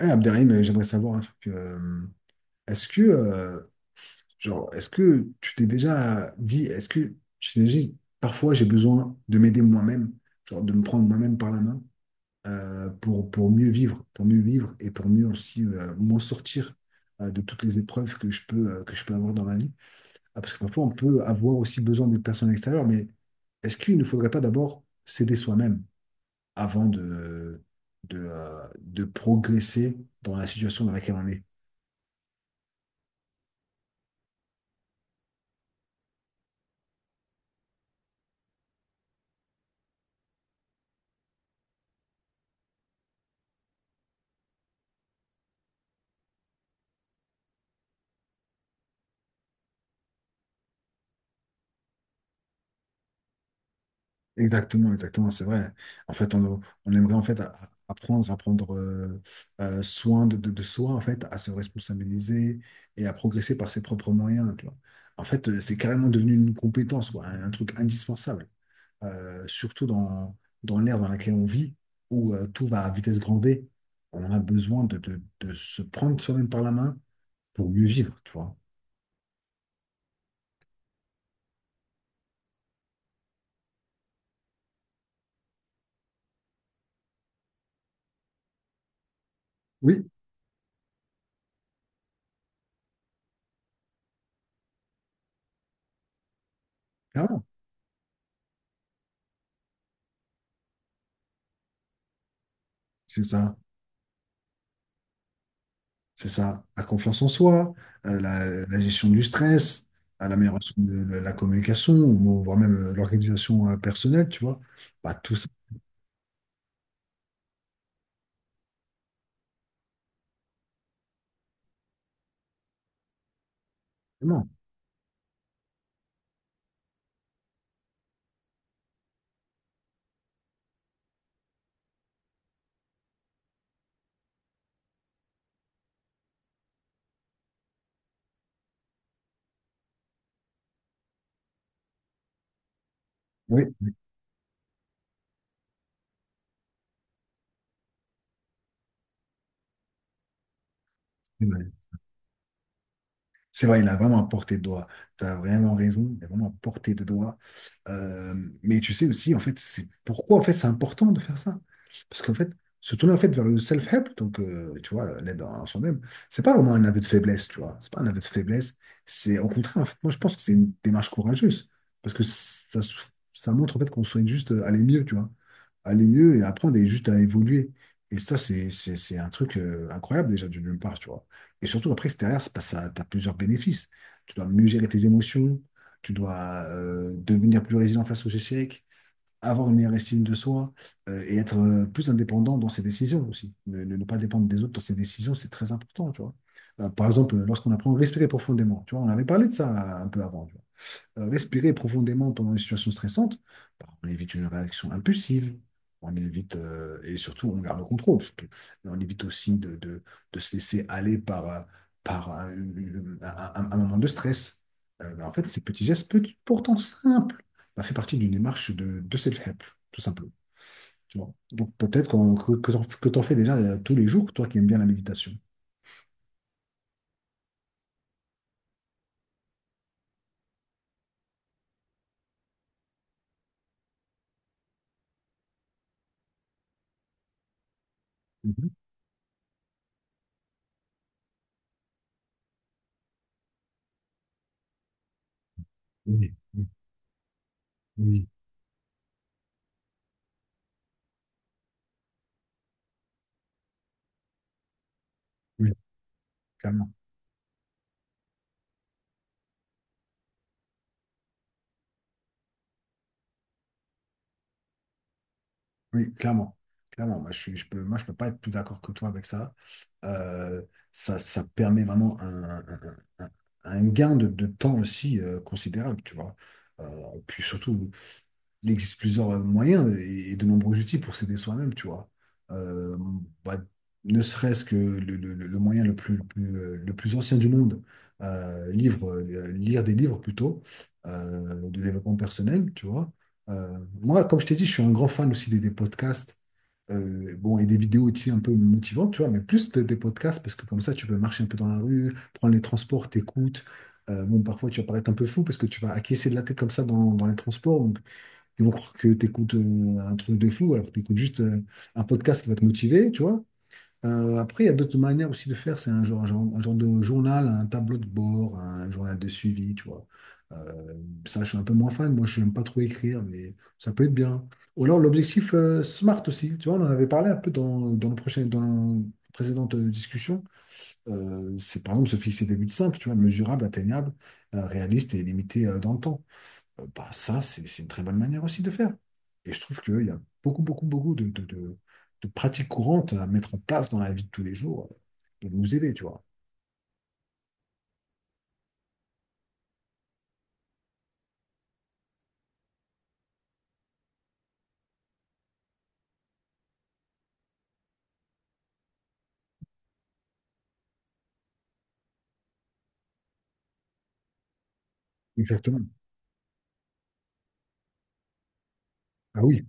Abderrahim, j'aimerais savoir un truc. Est-ce que, euh, est-ce que tu t'es déjà dit, parfois j'ai besoin de m'aider moi-même, genre de me prendre moi-même par la main pour mieux vivre et pour mieux aussi m'en sortir de toutes les épreuves que je peux avoir dans la vie. Ah, parce que parfois on peut avoir aussi besoin des personnes extérieures, mais est-ce qu'il ne faudrait pas d'abord s'aider soi-même avant de progresser dans la situation dans laquelle on est? Exactement, exactement, c'est vrai. En fait, on, on aimerait en fait apprendre à prendre soin de soi, en fait, à se responsabiliser et à progresser par ses propres moyens, tu vois. En fait, c'est carrément devenu une compétence, quoi, un truc indispensable. Surtout dans l'ère dans laquelle on vit, où tout va à vitesse grand V. On a besoin de se prendre soi-même par la main pour mieux vivre, tu vois. Oui, clairement, c'est ça. C'est ça. La confiance en soi, la gestion du stress, à l'amélioration de la communication, ou voire même l'organisation personnelle, tu vois. Bah, tout ça, vraiment. Oui. C'est vrai, il a vraiment à portée de doigt. Tu as vraiment raison, il a vraiment à portée de doigt. Euh, mais tu sais aussi, en fait, c'est pourquoi en fait, c'est important de faire ça. Parce qu'en fait, se tourner en fait, vers le self-help, donc tu vois, l'aide en soi-même, c'est pas vraiment un aveu de faiblesse, tu vois. C'est pas un aveu de faiblesse. C'est au contraire, en fait, moi je pense que c'est une démarche courageuse. Parce que ça, ça montre en fait qu'on souhaite juste aller mieux, tu vois. Aller mieux et apprendre et juste à évoluer. Et ça, c'est un truc incroyable déjà d'une part, tu vois. Et surtout, après, c'est derrière, c'est parce que tu as plusieurs bénéfices. Tu dois mieux gérer tes émotions, tu dois devenir plus résilient face aux échecs, avoir une meilleure estime de soi et être plus indépendant dans ses décisions aussi. Ne pas dépendre des autres dans ses décisions, c'est très important, tu vois. Par exemple, lorsqu'on apprend à respirer profondément, tu vois, on avait parlé de ça un peu avant respirer profondément pendant une situation stressante, bah, on évite une réaction impulsive, on évite, et surtout, on garde le contrôle, surtout. Mais on évite aussi de se laisser aller par un moment de stress. Bah, en fait, ces petits gestes, pourtant simples, bah, fait partie d'une démarche de self-help, tout simplement. Tu vois. Donc peut-être que tu en fais déjà tous les jours, toi qui aimes bien la méditation. Mhm. Oui, oui, oui, oui, clairement. Oui, clairement. Clairement, moi je peux pas être plus d'accord que toi avec ça. Euh, Ça, ça permet vraiment un un gain de temps aussi considérable, tu vois. Euh, Puis surtout, il existe plusieurs moyens et de nombreux outils pour s'aider soi-même, tu vois. Euh, bah, Ne serait-ce que le moyen le plus, le plus ancien du monde, lire des livres plutôt, de développement personnel, tu vois. Moi, comme je t'ai dit, je suis un grand fan aussi des podcasts. Euh, bon, et des vidéos aussi un peu motivantes, tu vois, mais plus des podcasts, parce que comme ça, tu peux marcher un peu dans la rue, prendre les transports, t'écoutes. Bon, parfois, tu vas paraître un peu fou parce que tu vas acquiescer de la tête comme ça dans les transports. Ils vont croire que tu écoutes un truc de fou alors que tu écoutes juste un podcast qui va te motiver, tu vois. Après, il y a d'autres manières aussi de faire. C'est un genre, un genre de journal, un tableau de bord, un journal de suivi, tu vois. Euh, ça, je suis un peu moins fan. Moi, je n'aime pas trop écrire, mais ça peut être bien. Ou alors l'objectif SMART aussi. Tu vois, on en avait parlé un peu dans dans la précédente discussion. C'est par exemple se fixer des buts simples, tu vois, mesurables, atteignables, réalistes et limités dans le temps bah, ça, c'est une très bonne manière aussi de faire. Et je trouve qu'il y a beaucoup, beaucoup, beaucoup de de pratiques courantes à mettre en place dans la vie de tous les jours pour nous aider, tu vois. Exactement. Ah oui,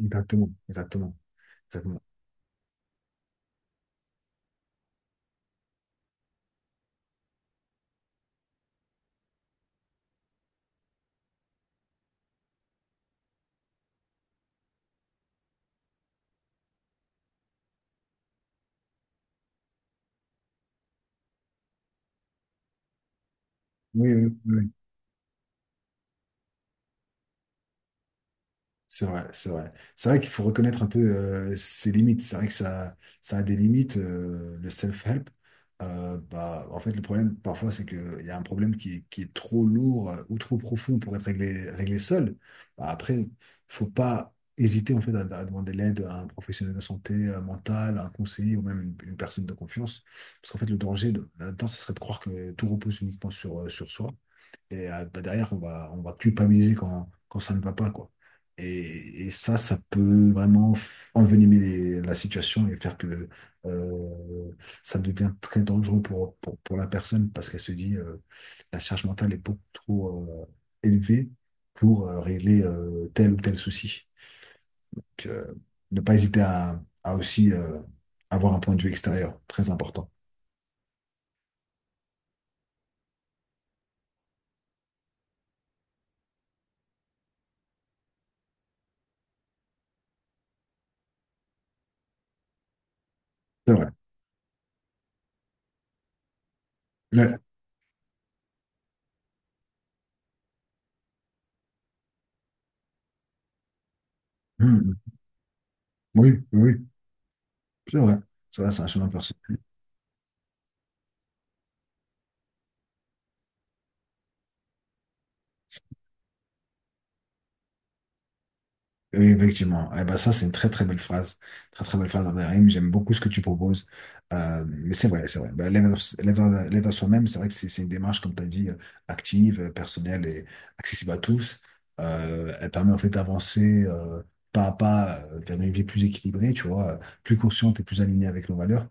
exactement, exactement, exactement. Oui, oui, oui. Oui. C'est vrai, c'est vrai. C'est vrai qu'il faut reconnaître un peu ses limites. C'est vrai que ça a des limites, le self-help. En fait, le problème, parfois, c'est qu'il y a un problème qui est trop lourd ou trop profond pour être réglé, réglé seul. Bah, après, il faut pas hésiter en fait, à demander l'aide à un professionnel de santé mentale, à un conseiller ou même une personne de confiance. Parce qu'en fait, le danger là-dedans, ce serait de croire que tout repose uniquement sur soi. Et bah, derrière, on va culpabiliser quand ça ne va pas, quoi. Et ça, ça peut vraiment envenimer la situation et faire que euh, ça devient très dangereux pour pour, la personne parce qu'elle se dit la charge mentale est beaucoup trop élevée pour régler tel ou tel souci. Donc, ne pas hésiter à aussi avoir un point de vue extérieur, très important. C'est vrai. Ouais. Mhm. Oui, oui, c'est vrai. C'est vrai, c'est un chemin personnel. Oui, effectivement. Eh ben, ça, c'est une très très belle phrase. Très très belle phrase d'Abderrahim. J'aime beaucoup ce que tu proposes. Mais c'est vrai, c'est vrai. Ben, l'aide à soi-même, c'est vrai que c'est une démarche, comme tu as dit, active, personnelle et accessible à tous. Elle permet en fait d'avancer pas à pas vers une vie plus équilibrée, tu vois, plus consciente et plus alignée avec nos valeurs.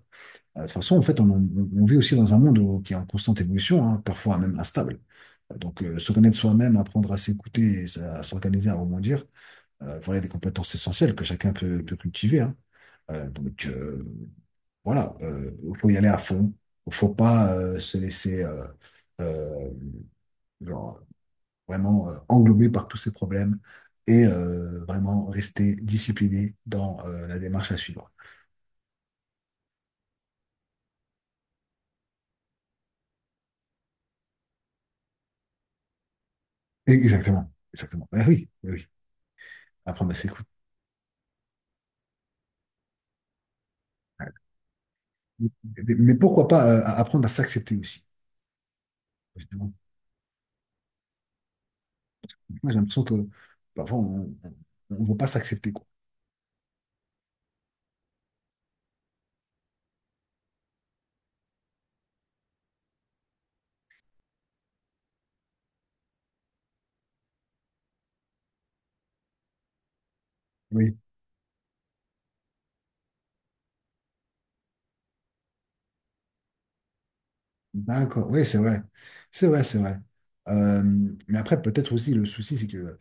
De toute façon, en fait, on vit aussi dans un monde qui est en constante évolution, hein, parfois même instable. Donc, se connaître soi-même, apprendre à s'écouter et à s'organiser, à rebondir voilà des compétences essentielles que chacun peut, peut cultiver. Hein. Donc voilà, il faut y aller à fond. Il faut pas se laisser euh, genre, vraiment englober par tous ces problèmes et vraiment rester discipliné dans la démarche à suivre. Exactement, exactement. Oui, eh oui, apprendre à s'écouter. Mais mais pourquoi pas apprendre à s'accepter aussi? Moi, j'ai l'impression que parfois on ne veut pas s'accepter, quoi. Oui. D'accord, oui, c'est vrai. C'est vrai, c'est vrai. Euh, mais après, peut-être aussi, le souci, c'est que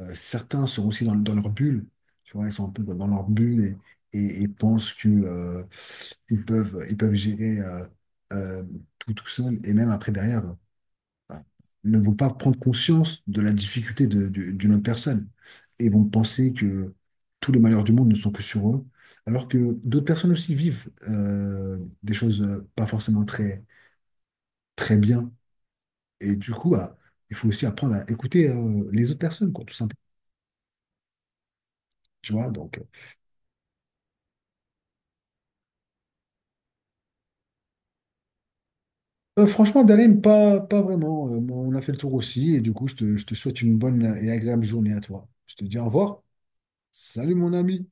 certains sont aussi dans leur bulle. Tu vois, ils sont un peu dans leur bulle et pensent que, ils peuvent gérer euh, tout tout seul. Et même après, derrière, euh, ne vont pas prendre conscience de la difficulté d'une autre personne. Et vont penser que tous les malheurs du monde ne sont que sur eux. Alors que d'autres personnes aussi vivent des choses pas forcément très, très bien. Et du coup, bah, il faut aussi apprendre à écouter les autres personnes, quoi, tout simplement. Tu vois, donc, franchement, Darim, pas vraiment. On a fait le tour aussi. Et du coup, je te souhaite une bonne et agréable journée à toi. Je te dis au revoir. Salut, mon ami.